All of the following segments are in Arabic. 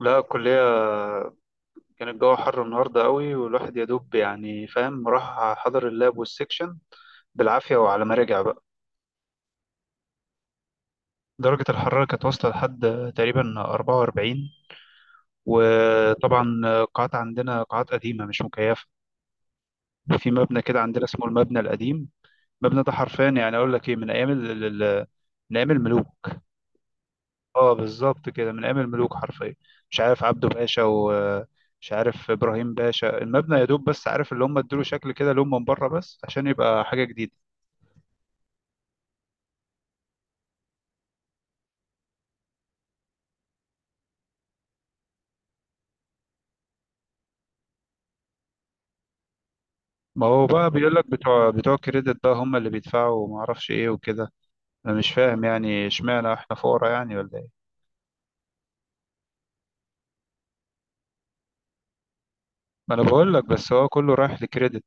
لا. الكلية كان الجو حر النهاردة قوي، والواحد يا دوب يعني فاهم، راح حضر اللاب والسكشن بالعافية، وعلى ما رجع بقى درجة الحرارة كانت واصلة لحد تقريبا 44. وطبعا قاعات عندنا، قاعات قديمة مش مكيفة، وفي مبنى كده عندنا اسمه المبنى القديم. المبنى ده حرفيا، يعني أقول لك إيه، من أيام من أيام الملوك. اه، بالظبط كده، من ايام الملوك حرفيا. مش عارف عبده باشا ومش عارف ابراهيم باشا، المبنى يا دوب بس عارف، اللي هم ادوا شكل كده لون من بره بس عشان يبقى حاجه جديده. ما هو بقى بيقول لك بتوع كريدت بقى هم اللي بيدفعوا، وما اعرفش ايه وكده. انا مش فاهم، يعني اشمعنى احنا فقراء يعني، ولا ايه؟ ما انا بقول لك، بس هو كله رايح لكريدت.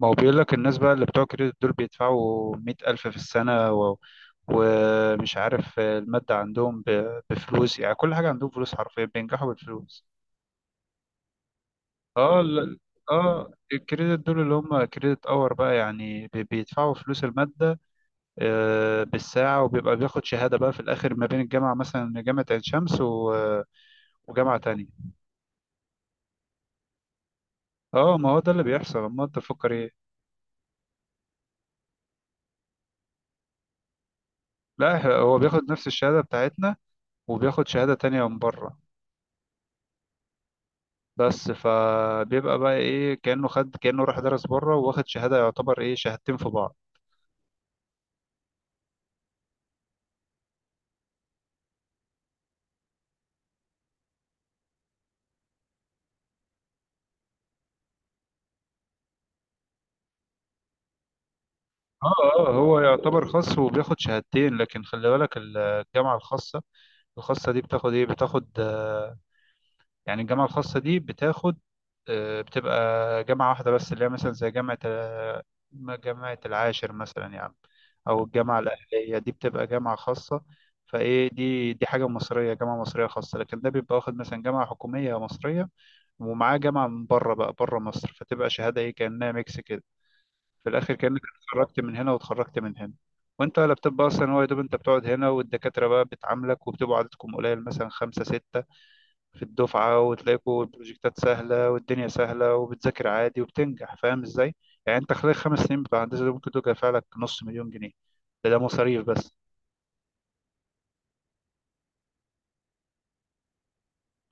ما هو بيقول لك الناس بقى اللي بتوع كريدت دول بيدفعوا 100000 في السنه، و... ومش عارف المادة عندهم بفلوس، يعني كل حاجة عندهم فلوس، حرفيا بينجحوا بالفلوس. اه ال- اه، الكريدت دول اللي هم كريدت اور بقى، يعني بيدفعوا فلوس المادة بالساعة، وبيبقى بياخد شهادة بقى في الآخر ما بين الجامعة، مثلا جامعة عين شمس، وجامعة تانية. اه ما هو ده اللي بيحصل، امال انت تفكر ايه؟ لا إحنا- هو بياخد نفس الشهادة بتاعتنا، وبياخد شهادة تانية من بره. بس فبيبقى بقى ايه، كأنه خد، كأنه راح درس بره واخد شهادة، يعتبر ايه، شهادتين في بعض. اه اه، هو يعتبر خاص وبياخد شهادتين، لكن خلي بالك الجامعة الخاصة، الخاصة دي بتاخد ايه، بتاخد يعني الجامعة الخاصة دي بتاخد، بتبقى جامعة واحدة بس، اللي هي مثلا زي جامعة جامعة العاشر مثلا يعني، أو الجامعة الأهلية، دي بتبقى جامعة خاصة. فايه، دي حاجة مصرية، جامعة مصرية خاصة. لكن ده بيبقى واخد مثلا جامعة حكومية مصرية، ومعاه جامعة من بره بقى، بره مصر، فتبقى شهادة ايه، كأنها ميكس كده. في الاخر كانك اتخرجت من هنا واتخرجت من هنا. وانت ولا بتبقى اصلا، هو يا دوب انت بتقعد هنا، والدكاتره بقى بتعاملك وبتبقوا عددكم قليل، مثلا خمسة ستة في الدفعه، وتلاقوا البروجكتات سهله والدنيا سهله، وبتذاكر عادي وبتنجح، فاهم ازاي؟ يعني انت خلال 5 سنين بتوع هندسه دول ممكن تدفع لك نص مليون جنيه. ده مصاريف بس.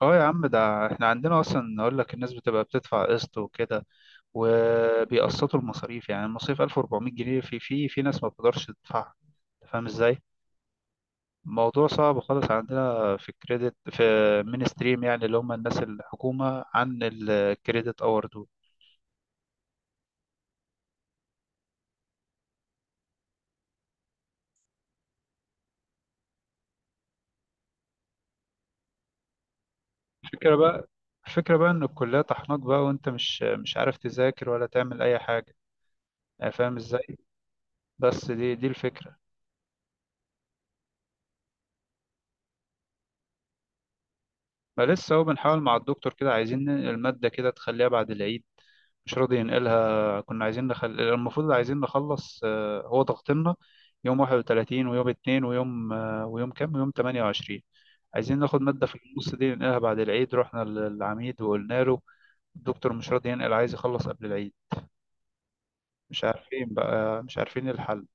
اه يا عم، ده احنا عندنا اصلا اقول لك، الناس بتبقى بتدفع قسط وكده، وبيقسطوا المصاريف. يعني المصاريف 1400 جنيه، في ناس ما بتقدرش تدفعها. أنت فاهم ازاي؟ موضوع صعب خالص، عندنا في الكريدت، في من ستريم يعني، اللي هم الناس الحكومة عن الكريدت اور دول. الفكرة بقى الفكرة بقى ان الكلية طحناك بقى، وانت مش عارف تذاكر ولا تعمل اي حاجة، يعني فاهم ازاي؟ بس دي الفكرة. ما لسه، هو بنحاول مع الدكتور كده، عايزين المادة كده تخليها بعد العيد. مش راضي ينقلها. كنا عايزين المفروض عايزين نخلص. هو ضغطنا يوم 31 ويوم 2 ويوم ويوم كام ويوم 28. عايزين ناخد مادة في النص دي، ننقلها بعد العيد. رحنا للعميد وقلنا له الدكتور مش راضي ينقل، عايز يخلص قبل العيد. مش عارفين بقى، مش عارفين الحل.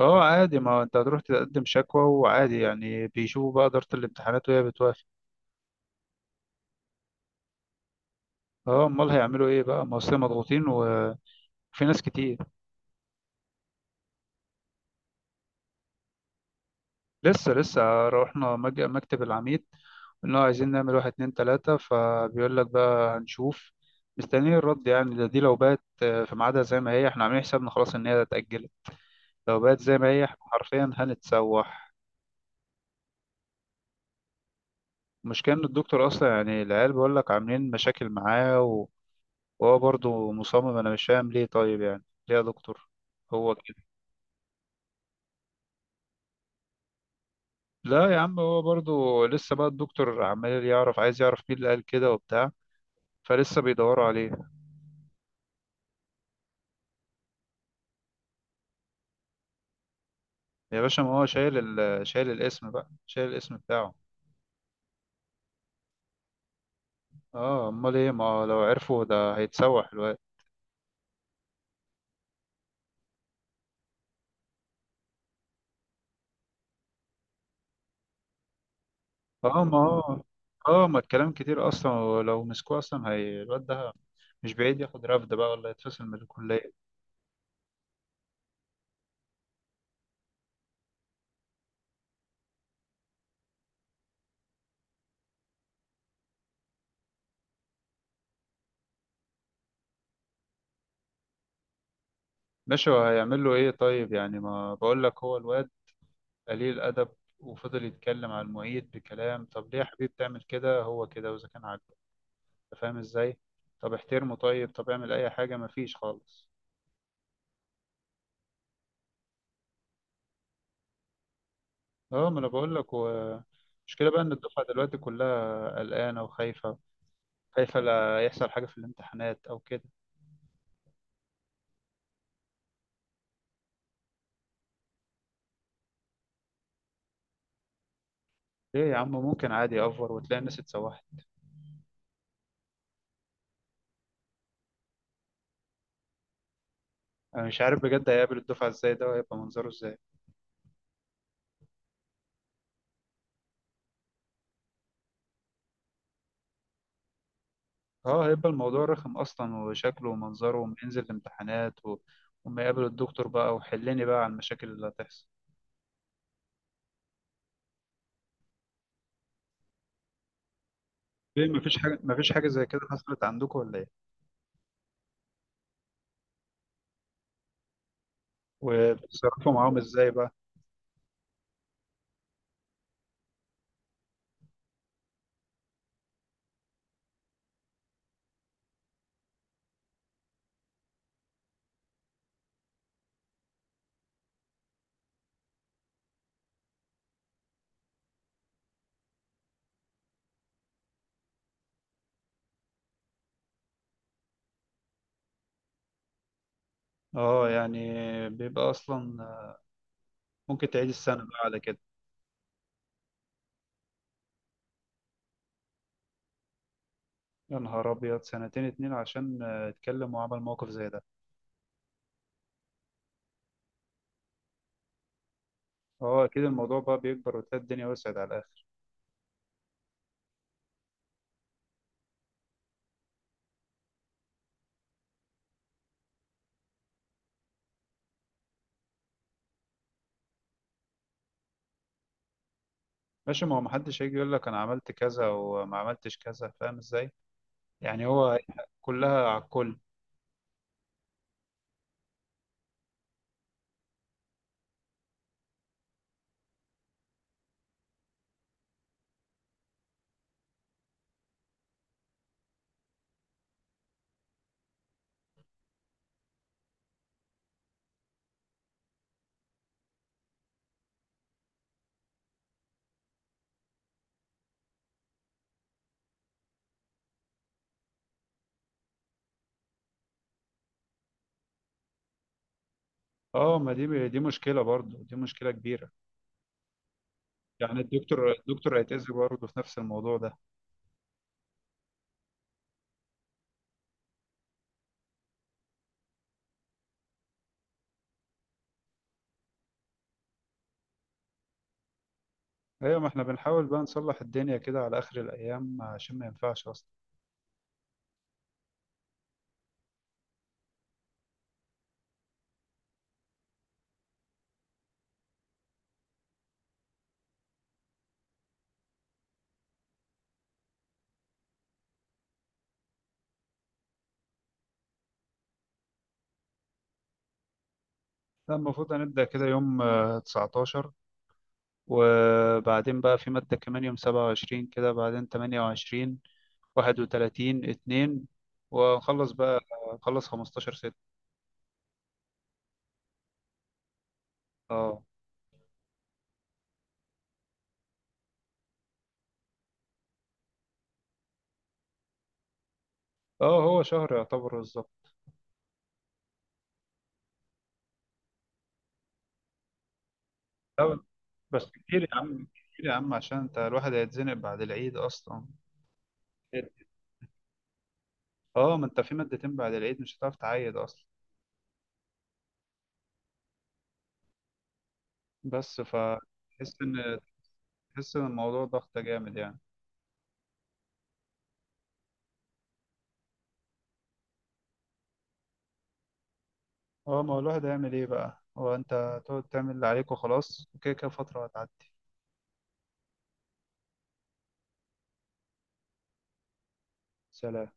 اه عادي، ما هو انت هتروح تقدم شكوى وعادي يعني، بيشوفوا بقى إدارة الامتحانات، وهي بتوافق. اه، امال هيعملوا ايه بقى، ما اصل مضغوطين وفي ناس كتير. لسه رحنا مكتب العميد، قلنا له عايزين نعمل واحد اتنين تلاتة، فبيقول لك بقى هنشوف. مستنيين الرد يعني. ده دي لو بقت في ميعادها زي ما هي، احنا عاملين حسابنا خلاص ان هي اتأجلت. لو بقت زي ما هي، احنا حرفيا هنتسوح. المشكلة ان الدكتور اصلا يعني، العيال بيقول لك عاملين مشاكل معاه، وهو برضه مصمم. انا مش فاهم ليه طيب يعني، ليه يا دكتور؟ هو كده. لا يا عم، هو برضه لسه بقى، الدكتور عمال يعرف، عايز يعرف مين اللي قال كده وبتاع، فلسه بيدوروا عليه. يا باشا، ما هو شايل شايل الاسم بقى، شايل الاسم بتاعه. اه، امال ايه؟ ما هو لو عرفوا ده هيتسوح الواد. اه ما هو، اه ما الكلام كتير اصلا، ولو مسكوه اصلا هي، الواد ده مش بعيد ياخد رفد بقى ولا يتفصل من الكليه. ماشي، وهيعمل له ايه طيب يعني؟ ما بقول لك، هو الواد قليل ادب، وفضل يتكلم على المعيد بكلام. طب ليه يا حبيبي بتعمل كده، هو كده، واذا كان عاجبك. أنت فاهم ازاي؟ طب احترمه طيب، طب اعمل اي حاجه، ما فيش خالص. اه، ما انا بقول لك، المشكله بقى ان الدفعه دلوقتي كلها قلقانه وخايفه. خايفه لا يحصل حاجه في الامتحانات او كده. ليه يا عم، ممكن عادي يأفور وتلاقي الناس اتسوحت. انا مش عارف بجد، هيقابل الدفعه ازاي ده، وهيبقى منظره ازاي. اه، هيبقى الموضوع رخم اصلا، وشكله ومنظره، وما ينزل الامتحانات و... وما يقابل الدكتور بقى، وحلني بقى على المشاكل اللي هتحصل. ليه؟ مفيش حاجه، مفيش حاجه زي كده حصلت عندكم ولا ايه؟ وبتتصرفوا معاهم ازاي بقى؟ اه يعني، بيبقى اصلا ممكن تعيد السنه بقى على كده. يا نهار أبيض، سنتين اتنين عشان اتكلم وعمل موقف زي ده؟ اه أكيد، الموضوع بقى بيكبر، وتلاقي الدنيا وسعت على الآخر. ماشي، ما هو محدش هيجي يقول لك أنا عملت كذا وما عملتش كذا، فاهم إزاي؟ يعني هو كلها على الكل. اه، ما دي مشكلة برضه، دي مشكلة كبيرة. يعني الدكتور هيتأذي برضه في نفس الموضوع ده. أيوة، ما احنا بنحاول بقى نصلح الدنيا كده على آخر الأيام، عشان ما ينفعش أصلا. لا، المفروض هنبدأ كده يوم 19، وبعدين بقى في مادة كمان يوم 27، كده بعدين 28، 31، اتنين، ونخلص بقى. نخلص 15/6. اه اه، هو شهر يعتبر بالظبط. لا، بس كتير يا عم، كتير يا عم، عشان انت الواحد هيتزنق بعد العيد اصلا. اه، ما انت في مادتين بعد العيد مش هتعرف تعيد اصلا. بس فتحس ان تحس ان الموضوع ضغط جامد يعني. اه، ما هو الواحد هيعمل ايه بقى، هو انت تقعد تعمل اللي عليك وخلاص، وكده كده فترة هتعدي. سلام.